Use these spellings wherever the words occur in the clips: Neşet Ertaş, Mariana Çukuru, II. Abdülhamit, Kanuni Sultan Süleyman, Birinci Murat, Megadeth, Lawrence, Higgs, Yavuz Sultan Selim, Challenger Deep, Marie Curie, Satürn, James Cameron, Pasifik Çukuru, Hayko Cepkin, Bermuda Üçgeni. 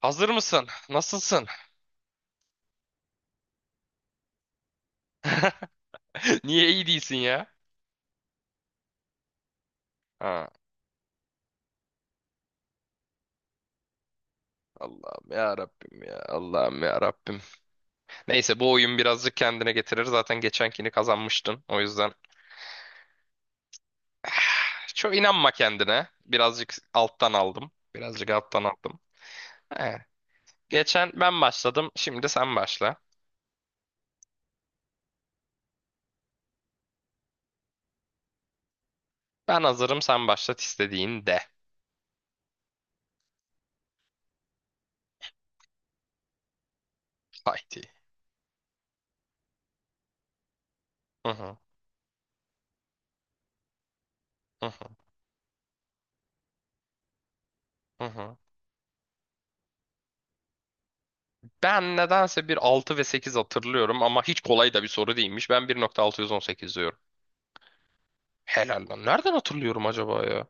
Hazır mısın? Nasılsın? Niye iyi değilsin ya? Ha, Allah'ım ya Rabbim ya. Allah'ım ya Rabbim. Neyse bu oyun birazcık kendine getirir. Zaten geçenkini kazanmıştın. O yüzden çok inanma kendine. Birazcık alttan aldım. Birazcık alttan aldım. He. Geçen ben başladım. Şimdi sen başla. Ben hazırım, sen başlat istediğinde. Haydi. Hı hı. Hı hı. Hı hı. Ben nedense bir 6 ve 8 hatırlıyorum ama hiç kolay da bir soru değilmiş. Ben bir nokta altı yüz on sekiz diyorum. Helal lan. Nereden hatırlıyorum acaba ya?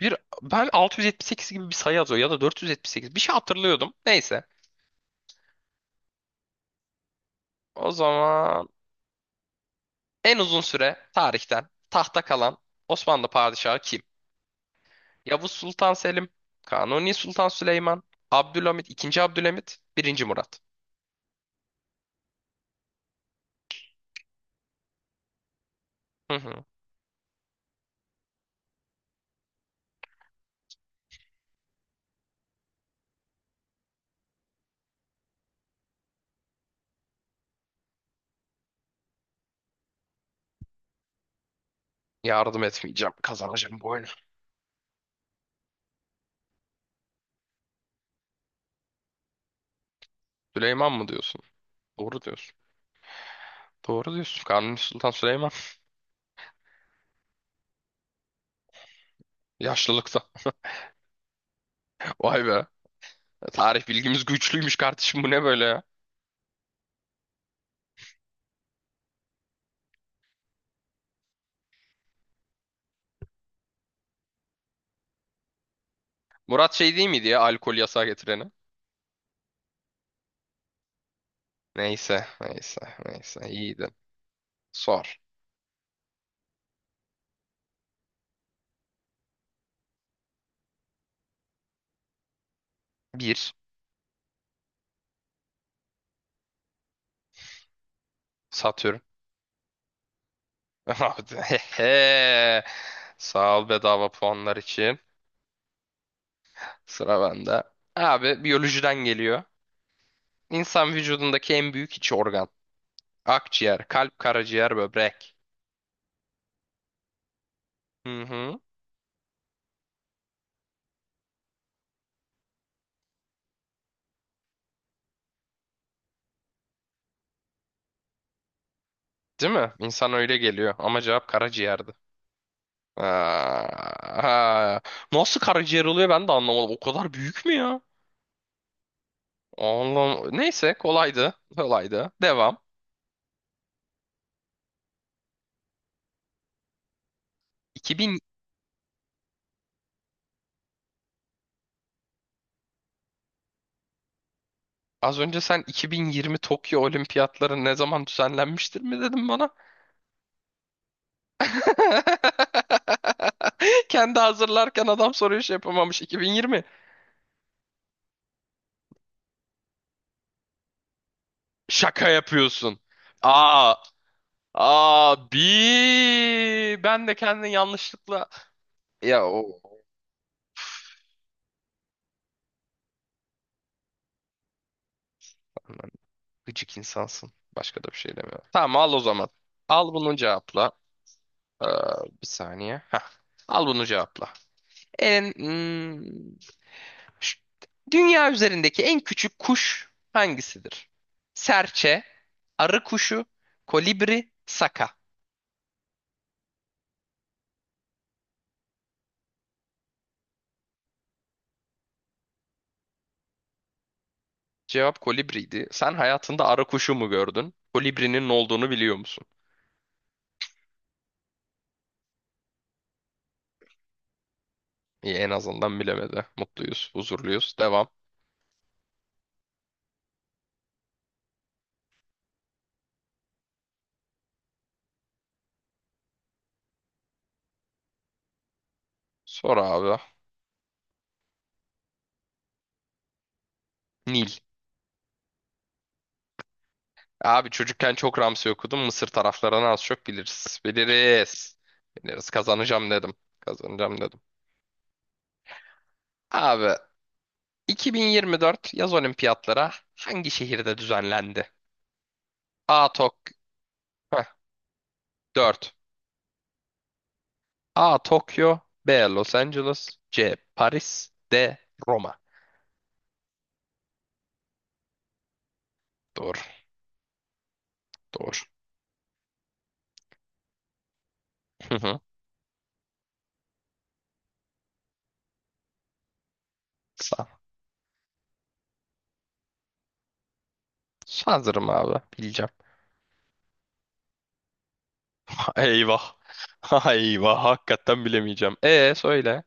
Bir ben 678 gibi bir sayı yazıyor ya da 478 bir şey hatırlıyordum. Neyse. O zaman en uzun süre tarihten tahta kalan Osmanlı padişahı kim? Yavuz Sultan Selim, Kanuni Sultan Süleyman, Abdülhamit, II. Abdülhamit, Birinci Murat. Hı hı. Yardım etmeyeceğim. Kazanacağım bu oyunu. Süleyman mı diyorsun? Doğru diyorsun. Doğru diyorsun. Kanuni Sultan Süleyman. Yaşlılıkta. Vay be. Tarih bilgimiz güçlüymüş kardeşim. Bu ne böyle ya? Murat şey değil miydi ya, alkol yasağı getireni? Neyse, neyse, neyse. İyiydi. Sor. Bir. Satürn. Abi, hehe. Sağ ol bedava puanlar için. Sıra bende. Abi biyolojiden geliyor. İnsan vücudundaki en büyük iç organ. Akciğer, kalp, karaciğer, böbrek. Hı hı. Değil mi? İnsan öyle geliyor. Ama cevap karaciğerdi. Aa, ha. Nasıl karaciğer oluyor ben de anlamadım. O kadar büyük mü ya? Oğlum neyse kolaydı. Kolaydı. Devam. 2000. Az önce sen 2020 Tokyo Olimpiyatları ne zaman düzenlenmiştir mi dedin bana? Kendi hazırlarken adam soruyu şey yapamamış. 2020. Şaka yapıyorsun. Aa, abi ben de kendini yanlışlıkla, ya o, aman, gıcık insansın. Başka da bir şey demiyorum. Tamam, al o zaman. Al bunu cevapla. Ee, bir saniye. Heh. Al bunu cevapla. En, hmm, ş- dünya üzerindeki en küçük kuş hangisidir? Serçe, arı kuşu, kolibri, saka. Cevap kolibriydi. Sen hayatında arı kuşu mu gördün? Kolibrinin ne olduğunu biliyor musun? İyi, en azından bilemedi. Mutluyuz, huzurluyuz. Devam. Sor abi. Nil. Abi çocukken çok Ramsey okudum. Mısır taraflarını az çok biliriz. Biliriz. Biliriz. Kazanacağım dedim. Kazanacağım dedim. Abi 2024 yaz olimpiyatlara hangi şehirde düzenlendi? A. Tok. Heh, 4. A. Tokyo, B. Los Angeles, C. Paris, D. Roma. Doğru. Doğru. Hı hı. Sa- Sanırım abi. Bileceğim. Eyvah. Eyvah. Hakikaten bilemeyeceğim. E, söyle.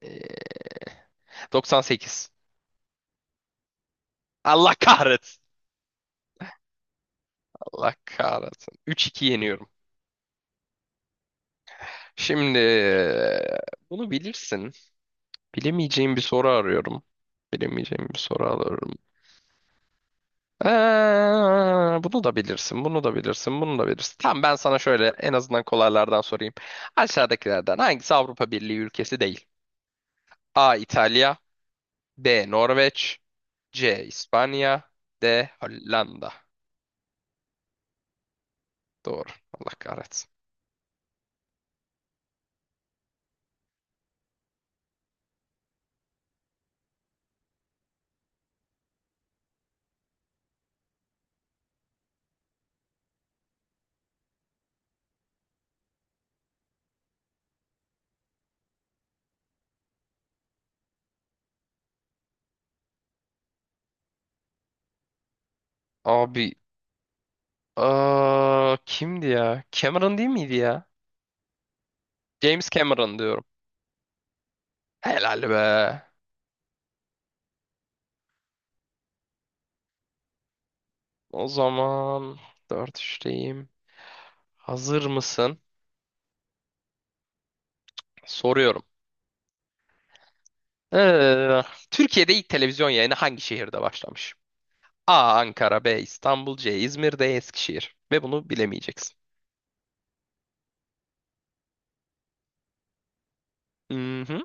Ee, 98. Allah kahretsin. Allah kahretsin. 3-2 yeniyorum. Şimdi bunu bilirsin. Bilemeyeceğim bir soru arıyorum. Bilemeyeceğim bir soru arıyorum. Bunu da bilirsin, bunu da bilirsin, bunu da bilirsin. Tamam, ben sana şöyle en azından kolaylardan sorayım. Aşağıdakilerden hangisi Avrupa Birliği ülkesi değil? A. İtalya, B. Norveç, C. İspanya, D. Hollanda. Doğru. Allah kahretsin. Abi kimdi ya? Cameron değil miydi ya? James Cameron diyorum. Helal be. O zaman dört üçteyim. Hazır mısın? Soruyorum. Ee, Türkiye'de ilk televizyon yayını hangi şehirde başlamış? A. Ankara, B. İstanbul, C. İzmir, D. Eskişehir. Ve bunu bilemeyeceksin. Hı hı.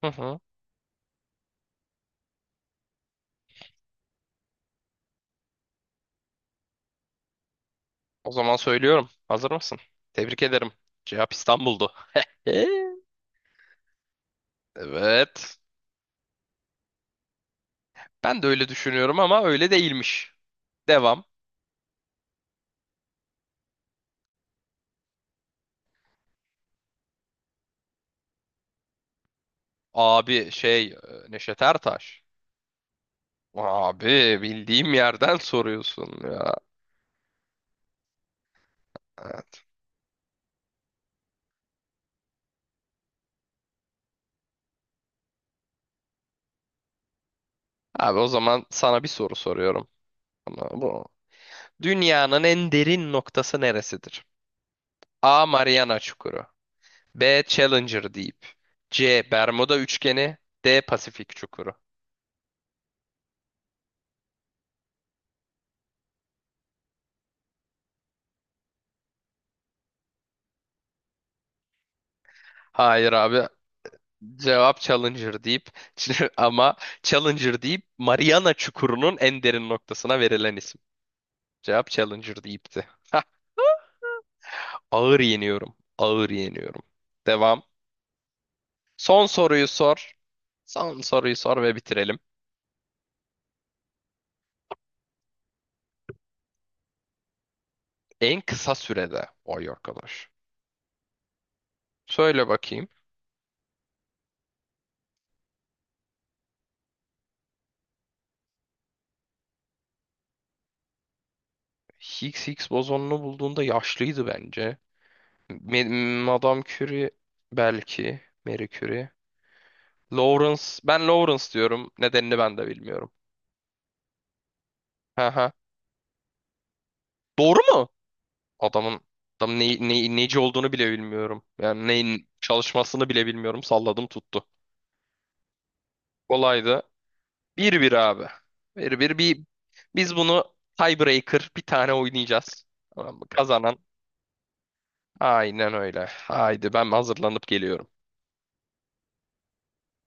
Hı hı. O zaman söylüyorum. Hazır mısın? Tebrik ederim. Cevap İstanbul'du. Ee, Evet. Ben de öyle düşünüyorum ama öyle değilmiş. Devam. Abi şey Neşet Ertaş. Abi bildiğim yerden soruyorsun ya. Evet. Abi o zaman sana bir soru soruyorum. Ama Bu, Dünyanın en derin noktası neresidir? A. Mariana Çukuru, B. Challenger Deep, C. Bermuda Üçgeni, D. Pasifik Çukuru. Hayır abi, cevap Challenger Deep. Ama Challenger Deep, Mariana Çukuru'nun en derin noktasına verilen isim. Cevap Challenger Deep'ti. Hah, ağır yeniyorum. Ağır yeniyorum. Devam. Son soruyu sor. Son soruyu sor ve bitirelim. En kısa sürede. Vay arkadaş. Söyle bakayım. Higgs, Higgs bozonunu bulduğunda yaşlıydı bence. Me- Madame Curie belki. Marie Curie. Lawrence. Ben Lawrence diyorum. Nedenini ben de bilmiyorum. Hı hı. Doğru mu? Adamın adamın neci olduğunu bile bilmiyorum. Yani neyin çalışmasını bile bilmiyorum. Salladım tuttu. Kolaydı. Bir bir abi. Bir bir biz bunu tiebreaker bir tane oynayacağız. Tamam mı? Kazanan. Aynen öyle. Haydi ben hazırlanıp geliyorum.